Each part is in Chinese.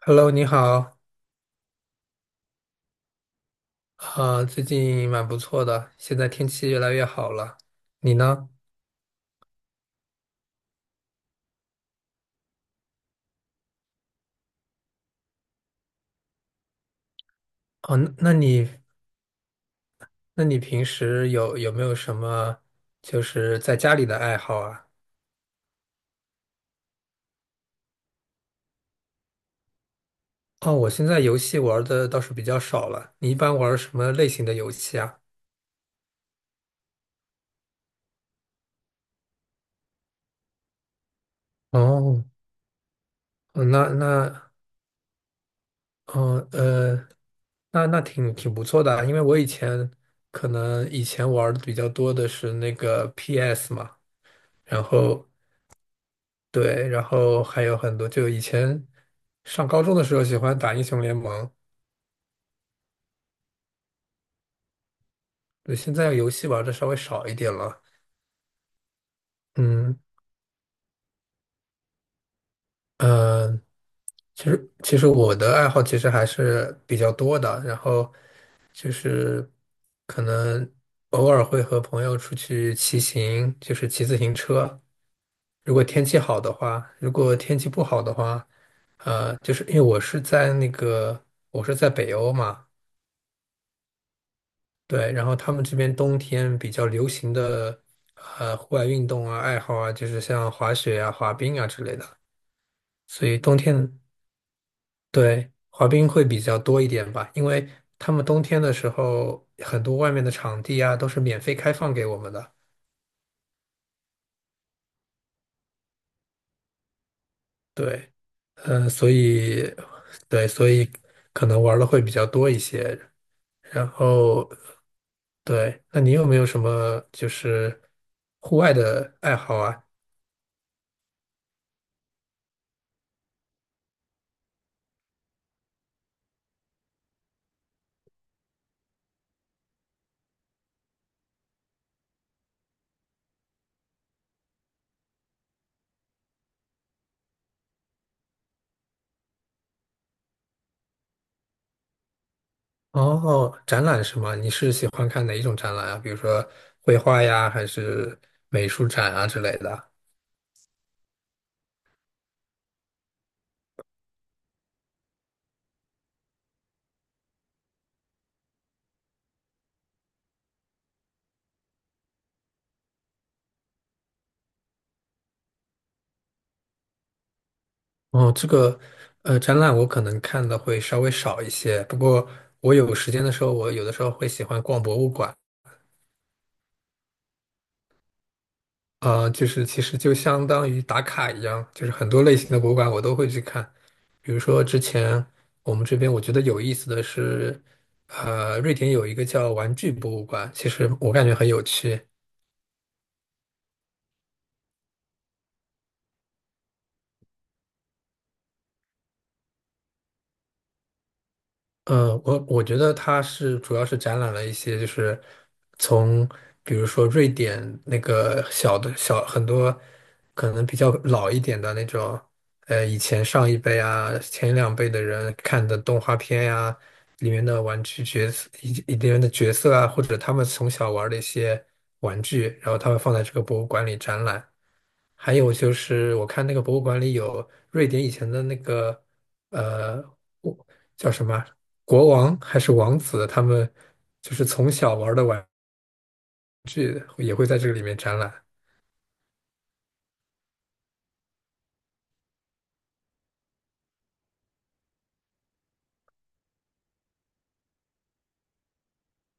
Hello,你好。最近蛮不错的，现在天气越来越好了。你呢？哦，那你那你平时有没有什么就是在家里的爱好啊？哦，我现在游戏玩的倒是比较少了。你一般玩什么类型的游戏啊？哦，哦那那哦呃，那那挺不错的啊，因为我以前可能以前玩的比较多的是那个 PS 嘛，然后。对，然后还有很多，就以前上高中的时候喜欢打英雄联盟。对，现在游戏玩的稍微少一点了。嗯嗯，呃其实我的爱好其实还是比较多的，然后就是可能偶尔会和朋友出去骑行，就是骑自行车。如果天气好的话，如果天气不好的话，就是因为我是在那个我是在北欧嘛。对，然后他们这边冬天比较流行的户外运动啊、爱好啊，就是像滑雪啊、滑冰啊之类的。所以冬天对滑冰会比较多一点吧，因为他们冬天的时候，很多外面的场地啊都是免费开放给我们的。对，所以对，所以可能玩的会比较多一些。然后对，那你有没有什么就是户外的爱好啊？哦，展览是吗？你是喜欢看哪一种展览啊？比如说绘画呀，还是美术展啊之类的啊？哦，这个展览我可能看的会稍微少一些，不过我有时间的时候，我有的时候会喜欢逛博物馆。啊，就是其实就相当于打卡一样，就是很多类型的博物馆我都会去看。比如说之前我们这边我觉得有意思的是，瑞典有一个叫玩具博物馆，其实我感觉很有趣。嗯，我觉得它是主要是展览了一些，就是从比如说瑞典那个小的小很多可能比较老一点的那种，以前上一辈啊、前两辈的人看的动画片呀、里面的玩具角色、一里面的角色啊，或者他们从小玩的一些玩具，然后他们放在这个博物馆里展览。还有就是，我看那个博物馆里有瑞典以前的那个呃。叫什么国王还是王子，他们就是从小玩的玩，也会在这个里面展览。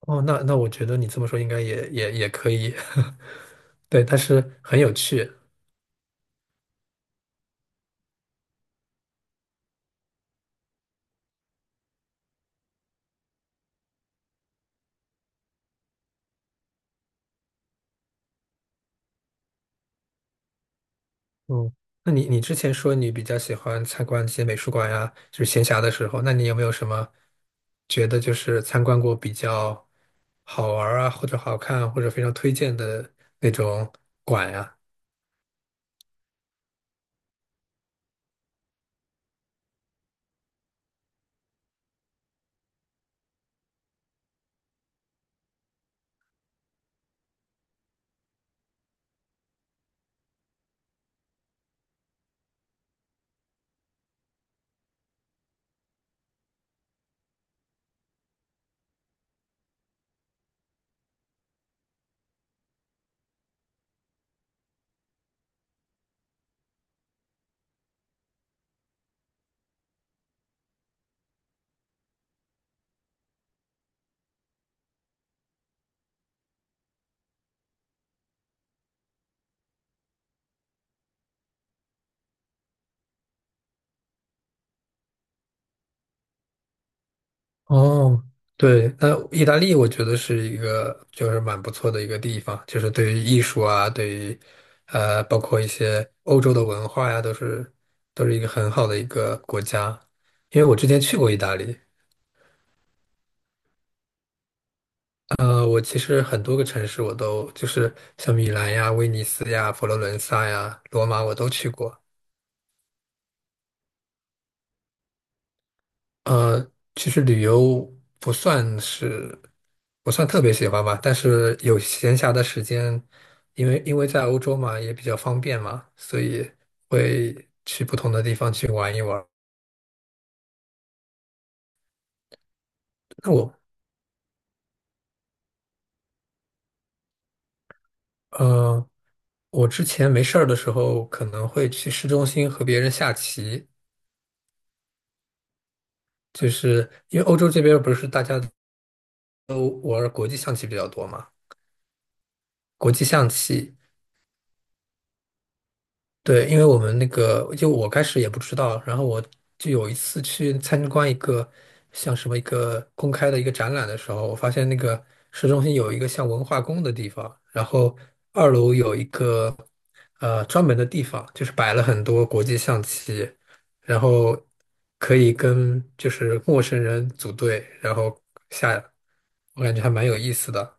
哦，那那我觉得你这么说应该也也可以。对，但是很有趣。嗯，那你你之前说你比较喜欢参观一些美术馆呀，就是闲暇的时候，那你有没有什么觉得就是参观过比较好玩儿啊，或者好看，或者非常推荐的那种馆呀？哦，对，那意大利我觉得是一个就是蛮不错的一个地方，就是对于艺术啊，对于包括一些欧洲的文化呀，都是一个很好的一个国家。因为我之前去过意大利。我其实很多个城市我都就是像米兰呀、威尼斯呀、佛罗伦萨呀、罗马我都去过。其实旅游不算是不算特别喜欢吧，但是有闲暇的时间，因为在欧洲嘛，也比较方便嘛，所以会去不同的地方去玩一玩。那我呃，我之前没事儿的时候，可能会去市中心和别人下棋，就是因为欧洲这边不是大家都玩儿国际象棋比较多嘛。国际象棋。对，因为我们那个，就我开始也不知道，然后我就有一次去参观一个像什么一个公开的一个展览的时候，我发现那个市中心有一个像文化宫的地方，然后二楼有一个专门的地方，就是摆了很多国际象棋，然后可以跟就是陌生人组队，然后下。我感觉还蛮有意思的。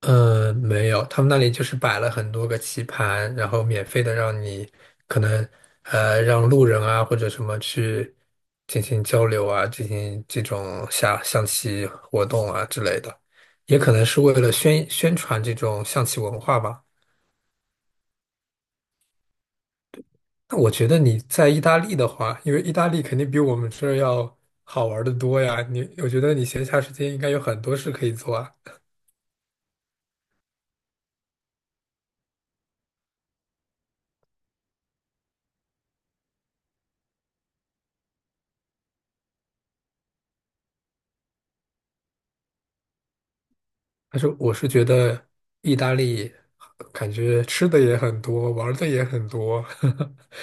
嗯，没有，他们那里就是摆了很多个棋盘，然后免费的让你可能让路人啊或者什么去进行交流啊，进行这种下象棋活动啊之类的，也可能是为了宣传这种象棋文化吧。那我觉得你在意大利的话，因为意大利肯定比我们这儿要好玩的多呀，你我觉得你闲暇时间应该有很多事可以做啊。但是我是觉得意大利感觉吃的也很多，玩儿的也很多。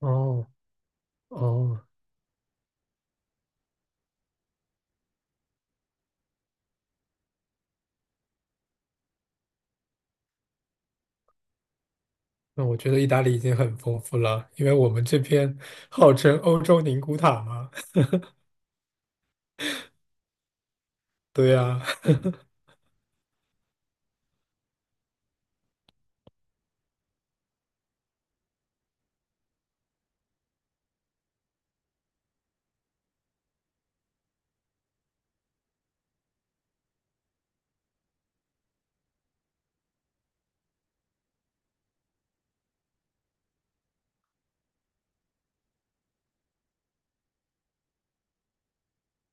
哦哦，那我觉得意大利已经很丰富了，因为我们这边号称欧洲宁古塔嘛。对呀。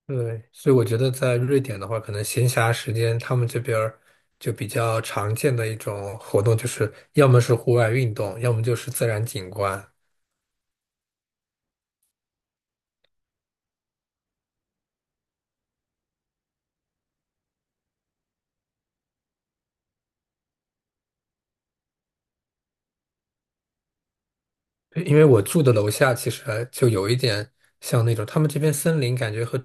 对，所以我觉得在瑞典的话，可能闲暇时间他们这边儿就比较常见的一种活动，就是要么是户外运动，要么就是自然景观。对，因为我住的楼下其实还就有一点像那种他们这边森林，感觉和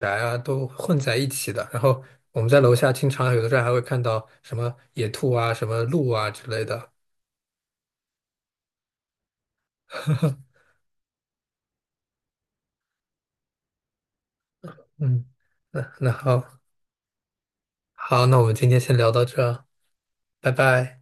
宅啊都混在一起的。然后我们在楼下经常有的时候还会看到什么野兔啊、什么鹿啊之类的。嗯，那那好，好，那我们今天先聊到这儿。拜拜。